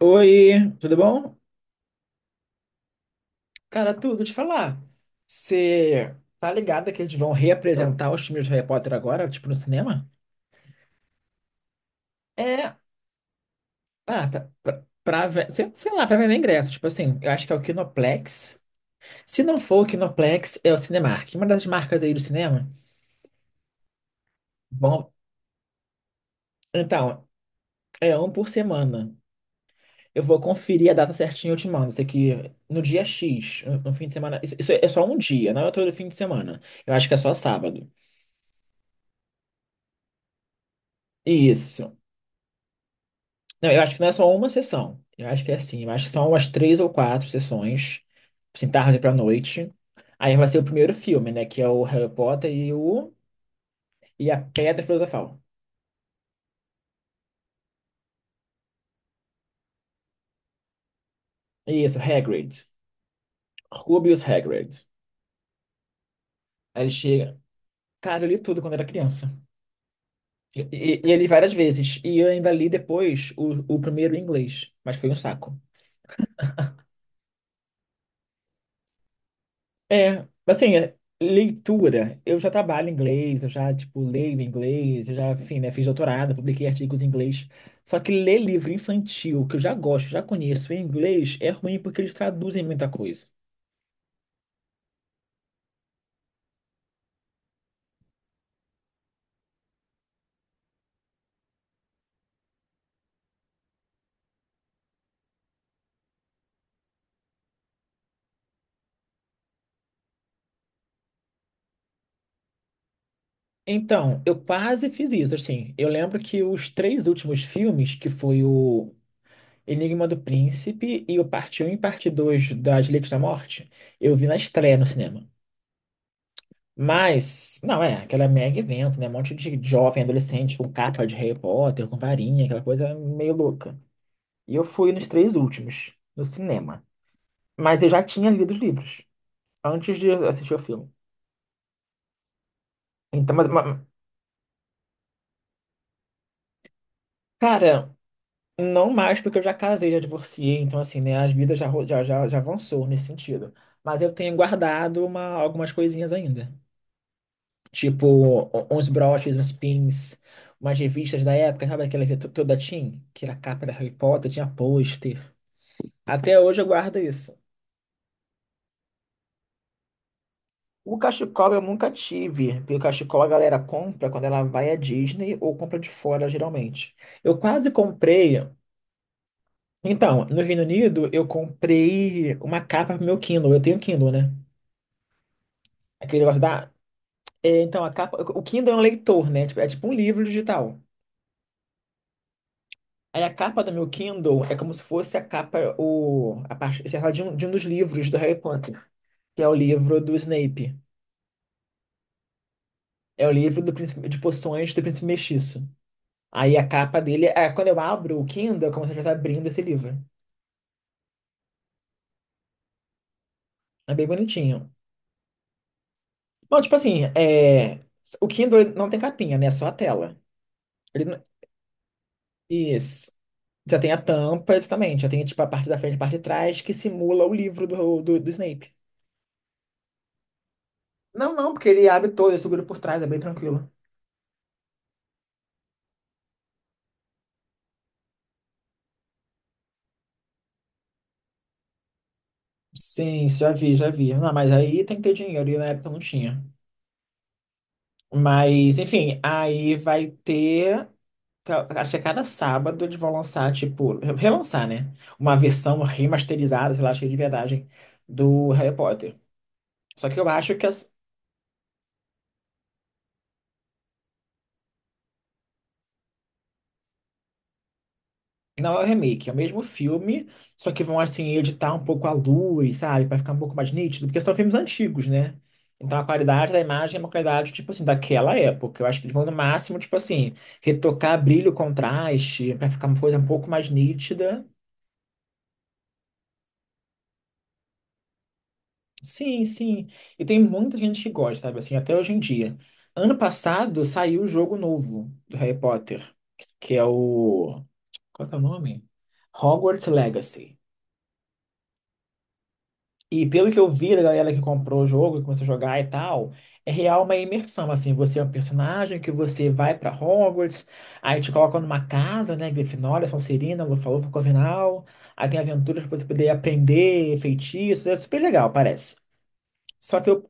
Oi, tudo bom? Cara, tudo te falar. Você tá ligado que eles vão reapresentar os filmes do Harry Potter agora, tipo, no cinema? É, ah, sei lá, pra vender ingresso. Tipo assim, eu acho que é o Kinoplex. Se não for o Kinoplex, é o Cinemark. Uma das marcas aí do cinema. Bom, então, é um por semana. Eu vou conferir a data certinha e eu te mando. Isso aqui no dia X, no fim de semana. Isso é só um dia, não é todo fim de semana. Eu acho que é só sábado. Isso. Não, eu acho que não é só uma sessão. Eu acho que é assim. Eu acho que são umas três ou quatro sessões, assim, tarde pra noite. Aí vai ser o primeiro filme, né? Que é o Harry Potter e o, e a Pedra Filosofal. Isso, Hagrid. Rubius Hagrid. Aí ele chega. Cara, eu li tudo quando era criança. E eu li várias vezes. E eu ainda li depois o primeiro em inglês. Mas foi um saco. É, assim, leitura. Eu já trabalho em inglês, eu já, tipo, leio em inglês, eu já, enfim, né, fiz doutorado, publiquei artigos em inglês. Só que ler livro infantil, que eu já gosto, já conheço em inglês, é ruim porque eles traduzem muita coisa. Então, eu quase fiz isso, assim. Eu lembro que os três últimos filmes, que foi o Enigma do Príncipe e o Parte Um e Parte 2 das Relíquias da Morte, eu vi na estreia no cinema. Mas, não, é, aquela mega evento, né? Um monte de jovem, adolescente com capa de Harry Potter, com varinha, aquela coisa meio louca. E eu fui nos três últimos, no cinema. Mas eu já tinha lido os livros antes de assistir o filme. Então, cara, não mais porque eu já casei, já divorciei, então assim, né? As vidas já, ro- já, já, já avançou nesse sentido. Mas eu tenho guardado algumas coisinhas ainda. Tipo, uns broches, uns pins, umas revistas da época, sabe aquela revista toda teen? Que era a capa da Harry Potter, tinha pôster. Até hoje eu guardo isso. O cachecol eu nunca tive, porque o cachecol a galera compra quando ela vai à Disney ou compra de fora, geralmente. Eu quase comprei. Então, no Reino Unido, eu comprei uma capa pro meu Kindle. Eu tenho Kindle, né? Aquele negócio da. É, então, A capa. O Kindle é um leitor, né? Tipo, é tipo um livro digital. Aí a capa do meu Kindle é como se fosse a capa, a parte, sei lá, de um dos livros do Harry Potter, que é o livro do Snape. É o livro do príncipe, de poções do príncipe mestiço. Aí a capa dele é quando eu abro o Kindle, é como se eu estivesse abrindo esse livro. É bem bonitinho. Bom, tipo assim, o Kindle ele não tem capinha, né? É só a tela. Ele não- isso. Já tem a tampa, exatamente. Já tem tipo a parte da frente e a parte de trás que simula o livro do Snape. Não, não, porque ele abre todo, ele segura por trás, é bem tranquilo. Sim, já vi, já vi. Não, mas aí tem que ter dinheiro, e na época não tinha. Mas, enfim, aí vai ter. Tá, acho que a cada sábado eles vão lançar, tipo, relançar, né? Uma versão remasterizada, sei lá, cheia de verdade, do Harry Potter. Só que eu acho que é. Não é o remake, é o mesmo filme, só que vão assim editar um pouco a luz, sabe, pra ficar um pouco mais nítido, porque são filmes antigos, né? Então a qualidade da imagem é uma qualidade tipo assim daquela época. Eu acho que eles vão no máximo tipo assim retocar brilho, contraste, pra ficar uma coisa um pouco mais nítida. Sim, sim. E tem muita gente que gosta, sabe, assim, até hoje em dia. Ano passado saiu o jogo novo do Harry Potter, que é o qual que é o nome? Hogwarts Legacy. E pelo que eu vi da galera que comprou o jogo, que começou a jogar e tal, é real uma imersão, assim, você é um personagem que você vai pra Hogwarts, aí te colocam numa casa, né, Grifinória, Sonserina, Lufa-Lufa, Corvinal, aí tem aventuras pra você poder aprender, feitiços, é super legal, parece. Só que eu-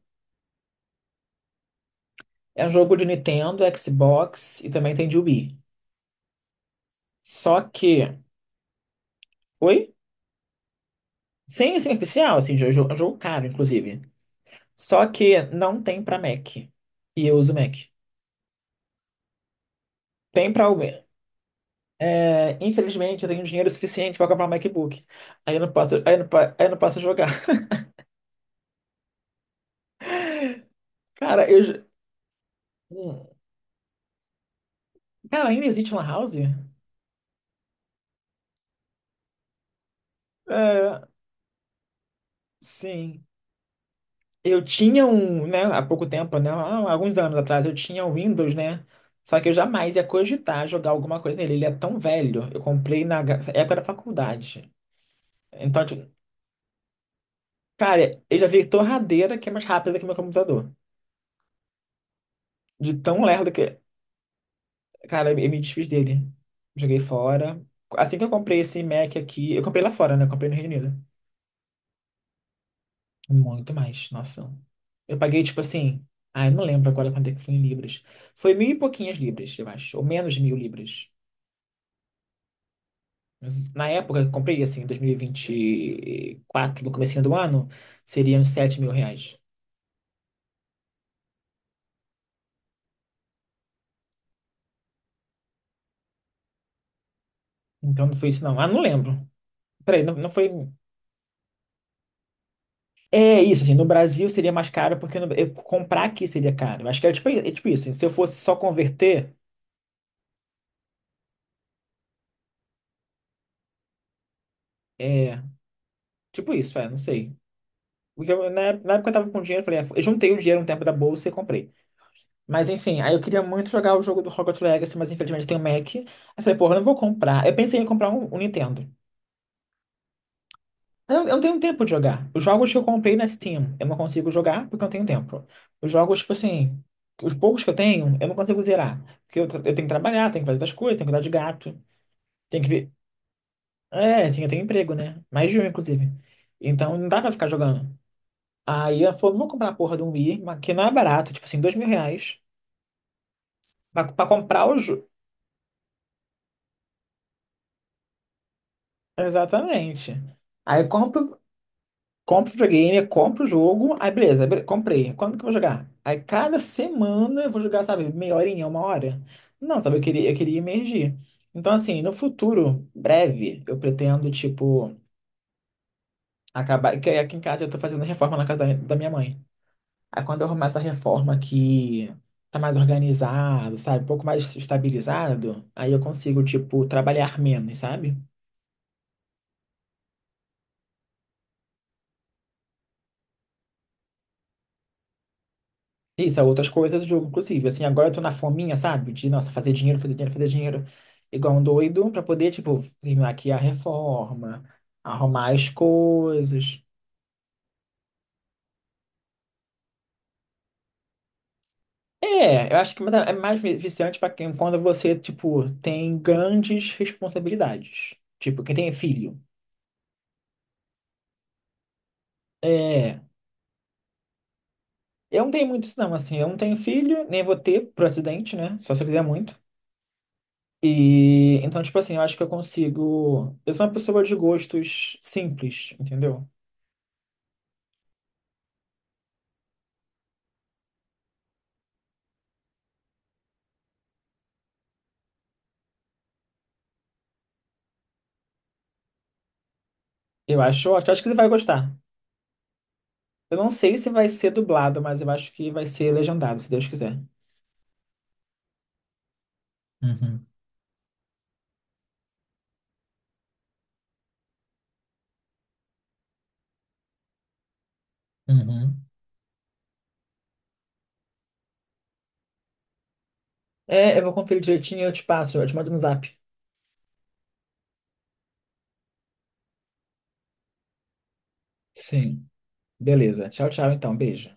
é um jogo de Nintendo, Xbox e também tem de Wii. Só que. Oi? Sim, sim, oficial, assim, é um jogo caro, inclusive. Só que não tem pra Mac. E eu uso Mac. Tem pra. É, infelizmente, eu tenho dinheiro suficiente para comprar um MacBook. Aí eu não posso, aí eu não posso jogar. Cara. Hum. Cara, ainda existe Lan House? É, sim. Eu tinha um, né, há pouco tempo, né, há alguns anos atrás, eu tinha um Windows, né? Só que eu jamais ia cogitar jogar alguma coisa nele. Ele é tão velho. Eu comprei época da faculdade. Então, tipo, cara, eu já vi torradeira que é mais rápida que meu computador. De tão lerdo que. Cara, eu me desfiz dele. Joguei fora. Assim que eu comprei esse Mac aqui, eu comprei lá fora, né? Eu comprei no Reino Unido. Muito mais, nossa. Eu paguei, tipo assim, ai, não lembro agora quanto é que foi em libras. Foi mil e pouquinhas libras, eu acho, ou menos de mil libras. Mas na época que eu comprei, assim, em 2024 no comecinho do ano, seria uns R$ 7.000. Então não foi isso, não. Ah, não lembro. Peraí, não, não foi. É isso, assim, no Brasil. É, tipo isso, é, não sei. Na época eu tava com dinheiro, eu falei, é, eu juntei o dinheiro um tempo da bolsa e comprei. Mas enfim, aí eu queria muito jogar o jogo do Hogwarts Legacy, mas infelizmente tem o Mac. Aí eu falei, porra, eu não vou comprar. Eu pensei em comprar um Nintendo. Eu não tenho um tempo de jogar. Os jogos que eu comprei na Steam, eu não consigo jogar porque eu não tenho tempo. Os jogos, tipo assim, os poucos que eu tenho, eu não consigo zerar. Porque eu tenho que trabalhar, tenho que fazer outras coisas, tenho que cuidar de gato, tenho que ver. É, assim, eu tenho emprego, né? Mais de um, inclusive. Então não dá pra ficar jogando. Aí ela falou, não vou comprar a porra de um Wii, mas que não é barato, tipo assim, R$ 2.000 pra comprar o jogo. Exatamente. Aí eu compro, compro o videogame, compro o jogo, aí beleza, comprei. Quando que eu vou jogar? Aí cada semana eu vou jogar, sabe, meia horinha, uma hora. Não, sabe, eu queria emergir. Então, assim, no futuro, breve, eu pretendo, tipo, acabar. Que Aqui em casa eu tô fazendo reforma na casa da minha mãe. Aí quando eu arrumar essa reforma que tá mais organizado, sabe? Um pouco mais estabilizado, aí eu consigo, tipo, trabalhar menos, sabe? Isso, é outras coisas do jogo, inclusive. Assim, agora eu tô na fominha, sabe? De, nossa, fazer dinheiro, fazer dinheiro, fazer dinheiro. Igual um doido, pra poder, tipo, terminar aqui a reforma, arrumar as coisas. É, eu acho que mas é mais viciante pra quem, quando você, tipo, tem grandes responsabilidades. Tipo, quem tem filho. É. Eu não tenho muito isso, não, assim, eu não tenho filho, nem vou ter, por acidente, né? Só se eu quiser muito. E então, tipo assim, eu acho que eu consigo. Eu sou uma pessoa de gostos simples, entendeu? Eu acho que você vai gostar. Eu não sei se vai ser dublado, mas eu acho que vai ser legendado, se Deus quiser. Uhum, uhum. É, eu vou conferir direitinho e eu te passo, eu te mando no zap. Sim. Beleza. Tchau, tchau, então. Beijo.